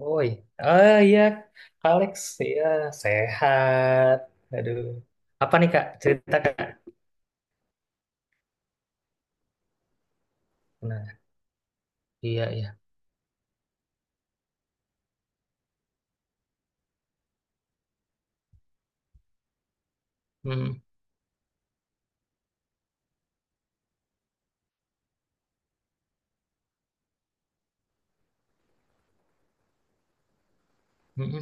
Oh iya, oh, iya. Kak Alex, iya sehat. Aduh, apa nih Kak? Cerita Kak. Nah, iya, iya. Hmm, hmm, hmm,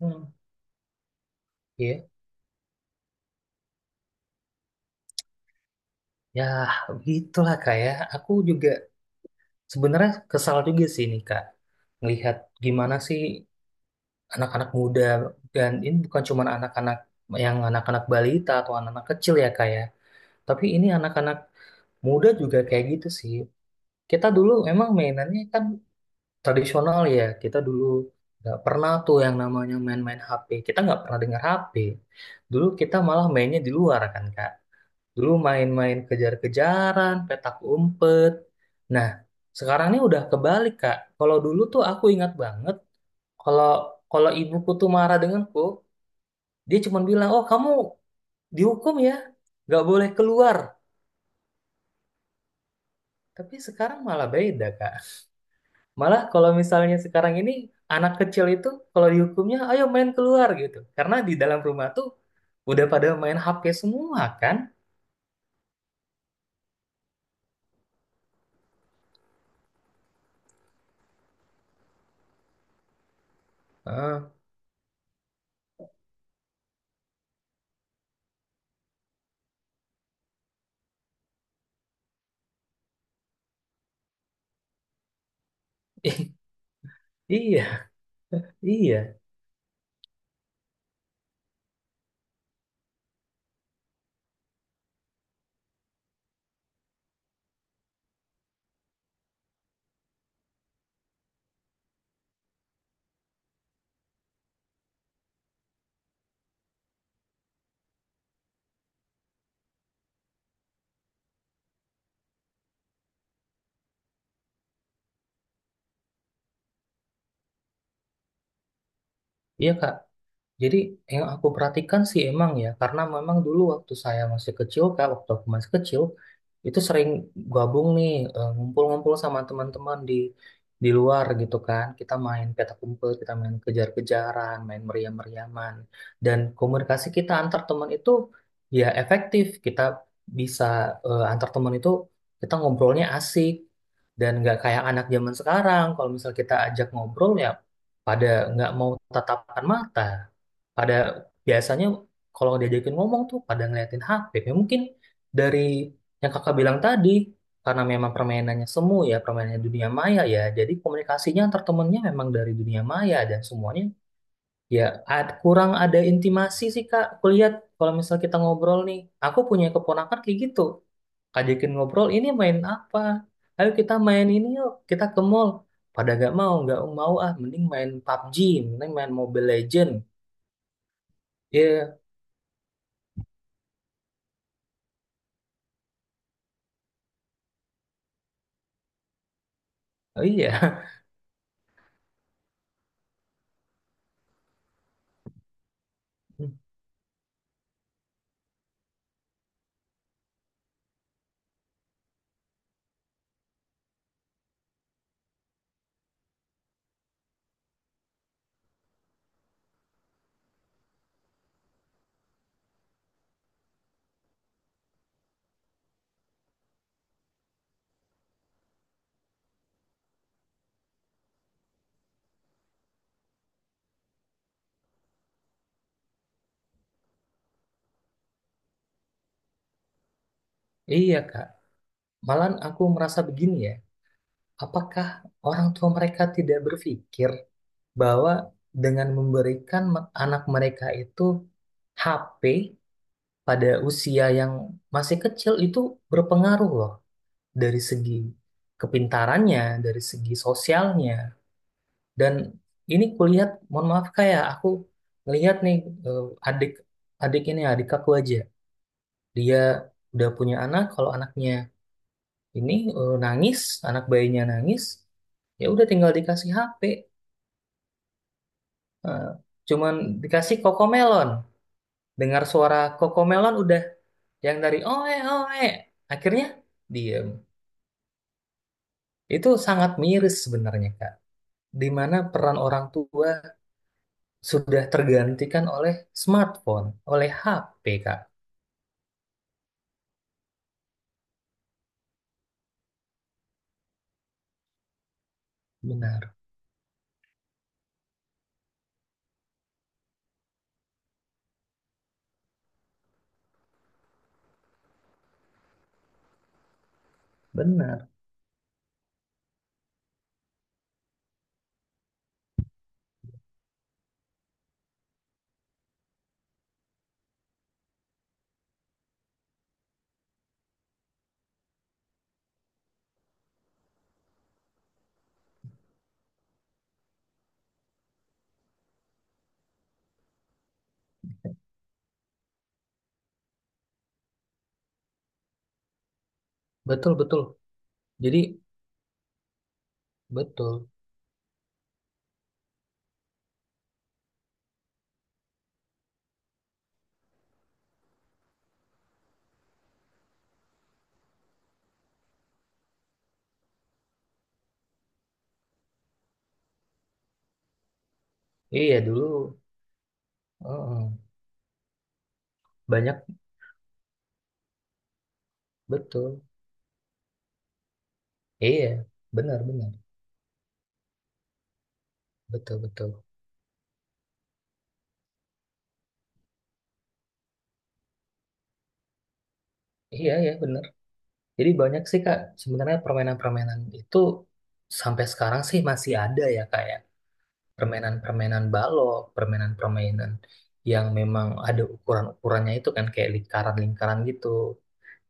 hmm. Iya, ya gitulah Kak ya. Aku juga sebenarnya kesal juga sih nih Kak. Melihat gimana sih anak-anak muda, dan ini bukan cuma anak-anak, yang anak-anak balita atau anak-anak kecil ya Kak ya. Tapi ini anak-anak muda juga kayak gitu sih. Kita dulu emang mainannya kan tradisional ya, kita dulu nggak pernah tuh yang namanya main-main HP, kita nggak pernah dengar HP dulu, kita malah mainnya di luar kan Kak, dulu main-main kejar-kejaran, petak umpet. Nah sekarang ini udah kebalik Kak, kalau dulu tuh aku ingat banget kalau kalau ibuku tuh marah denganku, dia cuma bilang oh kamu dihukum ya, nggak boleh keluar, tapi sekarang malah beda Kak. Malah kalau misalnya sekarang ini anak kecil itu, kalau dihukumnya ayo main keluar gitu. Karena di dalam rumah tuh udah pada main HP semua kan. Heeh. Iya, iya, iya Kak. Jadi yang aku perhatikan sih emang ya, karena memang dulu waktu saya masih kecil, kak waktu aku masih kecil, itu sering gabung nih, ngumpul-ngumpul sama teman-teman di luar gitu kan. Kita main petak umpet, kita main kejar-kejaran, main meriam-meriaman. Dan komunikasi kita antar teman itu ya efektif. Kita bisa, antar teman itu kita ngobrolnya asik dan nggak kayak anak zaman sekarang. Kalau misal kita ajak ngobrol ya pada nggak mau tatapan mata, pada biasanya kalau diajakin ngomong tuh pada ngeliatin HP, ya mungkin dari yang kakak bilang tadi, karena memang permainannya semu ya, permainannya dunia maya ya, jadi komunikasinya antar temennya memang dari dunia maya, dan semuanya ya kurang ada intimasi sih kak. Aku lihat kalau misal kita ngobrol nih, aku punya keponakan kayak gitu, ajakin ngobrol ini main apa, ayo kita main ini yuk, kita ke mall, pada gak mau, nggak mau, ah mending main PUBG, mending main Mobile Legend. Iya, oh iya. Hmm. Iya, Kak. Malahan aku merasa begini ya, apakah orang tua mereka tidak berpikir bahwa dengan memberikan anak mereka itu HP pada usia yang masih kecil itu berpengaruh loh, dari segi kepintarannya, dari segi sosialnya. Dan ini kulihat, mohon maaf kayak aku ngelihat nih, eh, adik, adik ini adik aku aja, dia udah punya anak, kalau anaknya ini nangis, anak bayinya nangis ya udah tinggal dikasih HP. Eh, Cuman dikasih kokomelon, dengar suara kokomelon udah, yang dari oe oe akhirnya diem. Itu sangat miris sebenarnya Kak, di mana peran orang tua sudah tergantikan oleh smartphone, oleh HP Kak. Benar, benar. Betul, betul. Jadi betul. Iya dulu. Heeh. Banyak. Betul. Iya. Benar, benar. Betul, betul. Iya, ya bener. Jadi banyak sih Kak, sebenarnya permainan-permainan itu sampai sekarang sih masih ada ya, kayak permainan-permainan balok, permainan-permainan yang memang ada ukuran-ukurannya itu kan, kayak lingkaran-lingkaran gitu.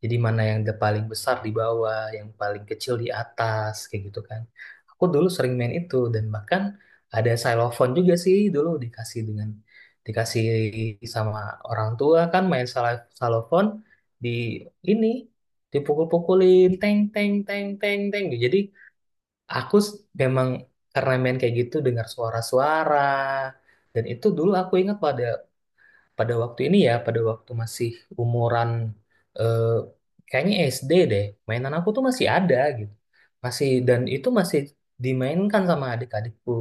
Jadi mana yang the paling besar di bawah, yang paling kecil di atas, kayak gitu kan. Aku dulu sering main itu, dan bahkan ada xylophone juga sih, dulu dikasih dengan dikasih sama orang tua, kan main xylophone di ini, dipukul-pukulin teng teng teng teng teng. Jadi aku s- memang karena main kayak gitu dengar suara-suara, dan itu dulu aku ingat pada pada waktu ini ya, pada waktu masih umuran eh, kayaknya SD deh, mainan aku tuh masih ada gitu. Masih, dan itu masih dimainkan sama adik-adikku,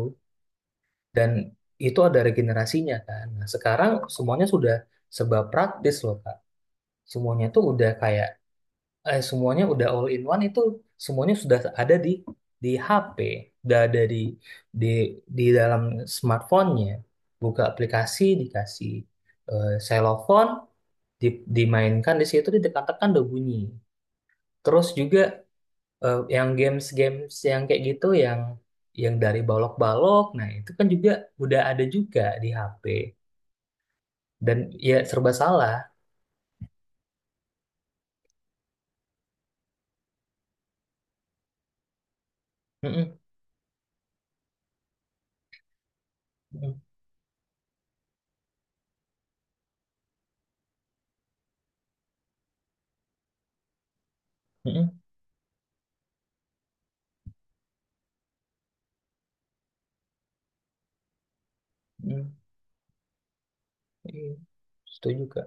dan itu ada regenerasinya kan. Nah, sekarang semuanya sudah serba praktis loh, Kak. Semuanya tuh udah kayak, semuanya udah all in one itu, semuanya sudah ada di HP, udah ada di di di dalam smartphone-nya. Buka aplikasi dikasih selofon di, dimainkan di situ ditekan-tekan udah bunyi. Terus juga yang games-games yang kayak gitu, yang dari balok-balok, nah itu kan juga udah ada juga di HP. Dan ya serba salah. Mm-mm, mm-mm, mm-mm, mm-mm. Iya, setuju, Kak.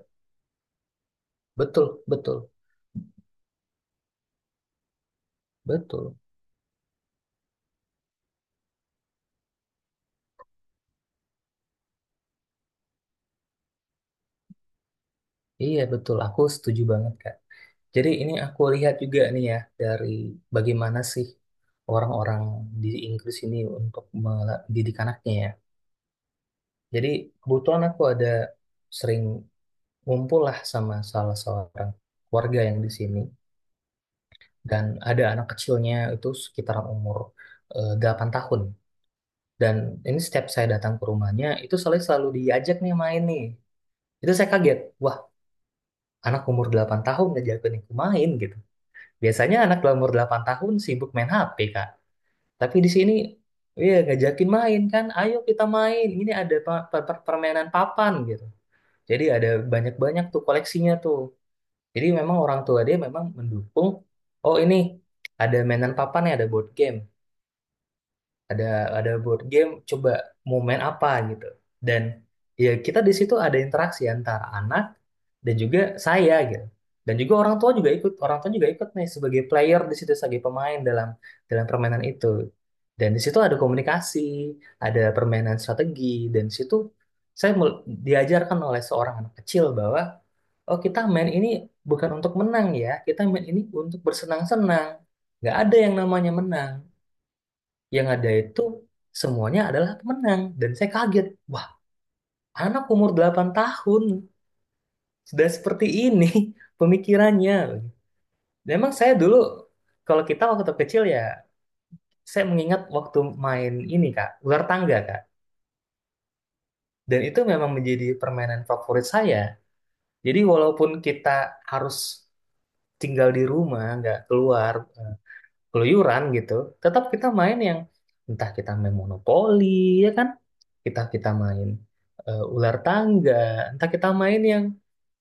Betul, betul. Betul. Iya, betul. Aku setuju banget, Kak. Jadi ini aku lihat juga nih ya, dari bagaimana sih orang-orang di Inggris ini untuk mendidik anaknya ya. Jadi kebetulan aku ada sering ngumpul lah sama salah seorang keluarga yang di sini. Dan ada anak kecilnya itu sekitaran umur 8 tahun. Dan ini setiap saya datang ke rumahnya, itu selalu, selalu diajak nih main nih. Itu saya kaget, wah anak umur 8 tahun ngajak aku main gitu. Biasanya anak dalam umur 8 tahun sibuk main HP, Kak. Tapi di sini, iya ngajakin main kan. Ayo kita main. Ini ada permainan papan gitu. Jadi ada banyak-banyak tuh koleksinya tuh. Jadi memang orang tua dia memang mendukung. Oh ini ada mainan papan ya, ada board game, ada board game, coba mau main apa gitu, dan ya kita di situ ada interaksi antara anak dan juga saya gitu, dan juga orang tua juga ikut, orang tua juga ikut nih sebagai player di situ, sebagai pemain dalam dalam permainan itu, dan di situ ada komunikasi, ada permainan strategi. Dan di situ saya diajarkan oleh seorang anak kecil bahwa oh kita main ini bukan untuk menang ya, kita main ini untuk bersenang-senang, nggak ada yang namanya menang, yang ada itu semuanya adalah pemenang. Dan saya kaget, wah anak umur 8 tahun sudah seperti ini pemikirannya. Dan emang saya dulu, kalau kita waktu kecil ya, saya mengingat waktu main ini kak, ular tangga kak, dan itu memang menjadi permainan favorit saya. Jadi walaupun kita harus tinggal di rumah nggak keluar, keluyuran gitu, tetap kita main yang, entah kita main monopoli ya kan, kita kita main ular tangga, entah kita main yang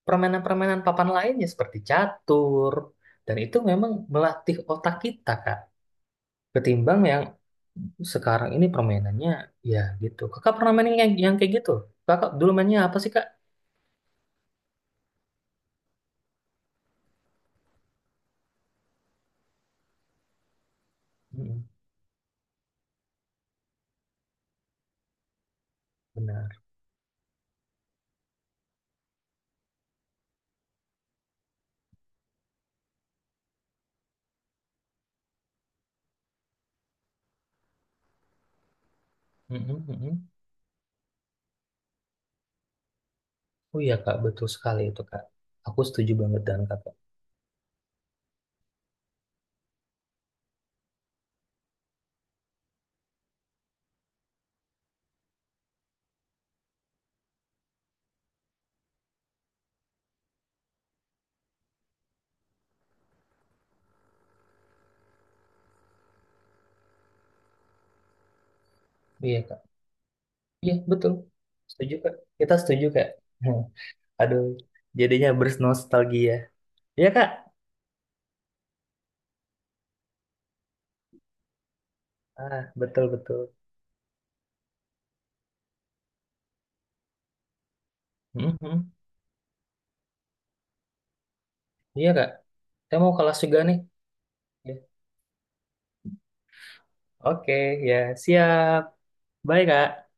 permainan-permainan papan lainnya seperti catur, dan itu memang melatih otak kita, Kak. Ketimbang yang sekarang ini permainannya ya gitu. Kakak pernah main yang kayak gitu? Kakak dulu mainnya apa sih, Kak? Mm-mm, benar. Mm-mm, mm-mm. Oh iya, Kak, betul sekali itu, Kak. Aku setuju banget dengan Kakak. Iya, Kak. Iya, betul. Setuju, Kak. Kita setuju, Kak. Hmm. Aduh, jadinya bernostalgia. Iya, Kak. Ah, betul, betul. Mhm. Iya, Kak. Saya mau kelas juga nih. Ya. Oke, ya siap. Bye, Kak.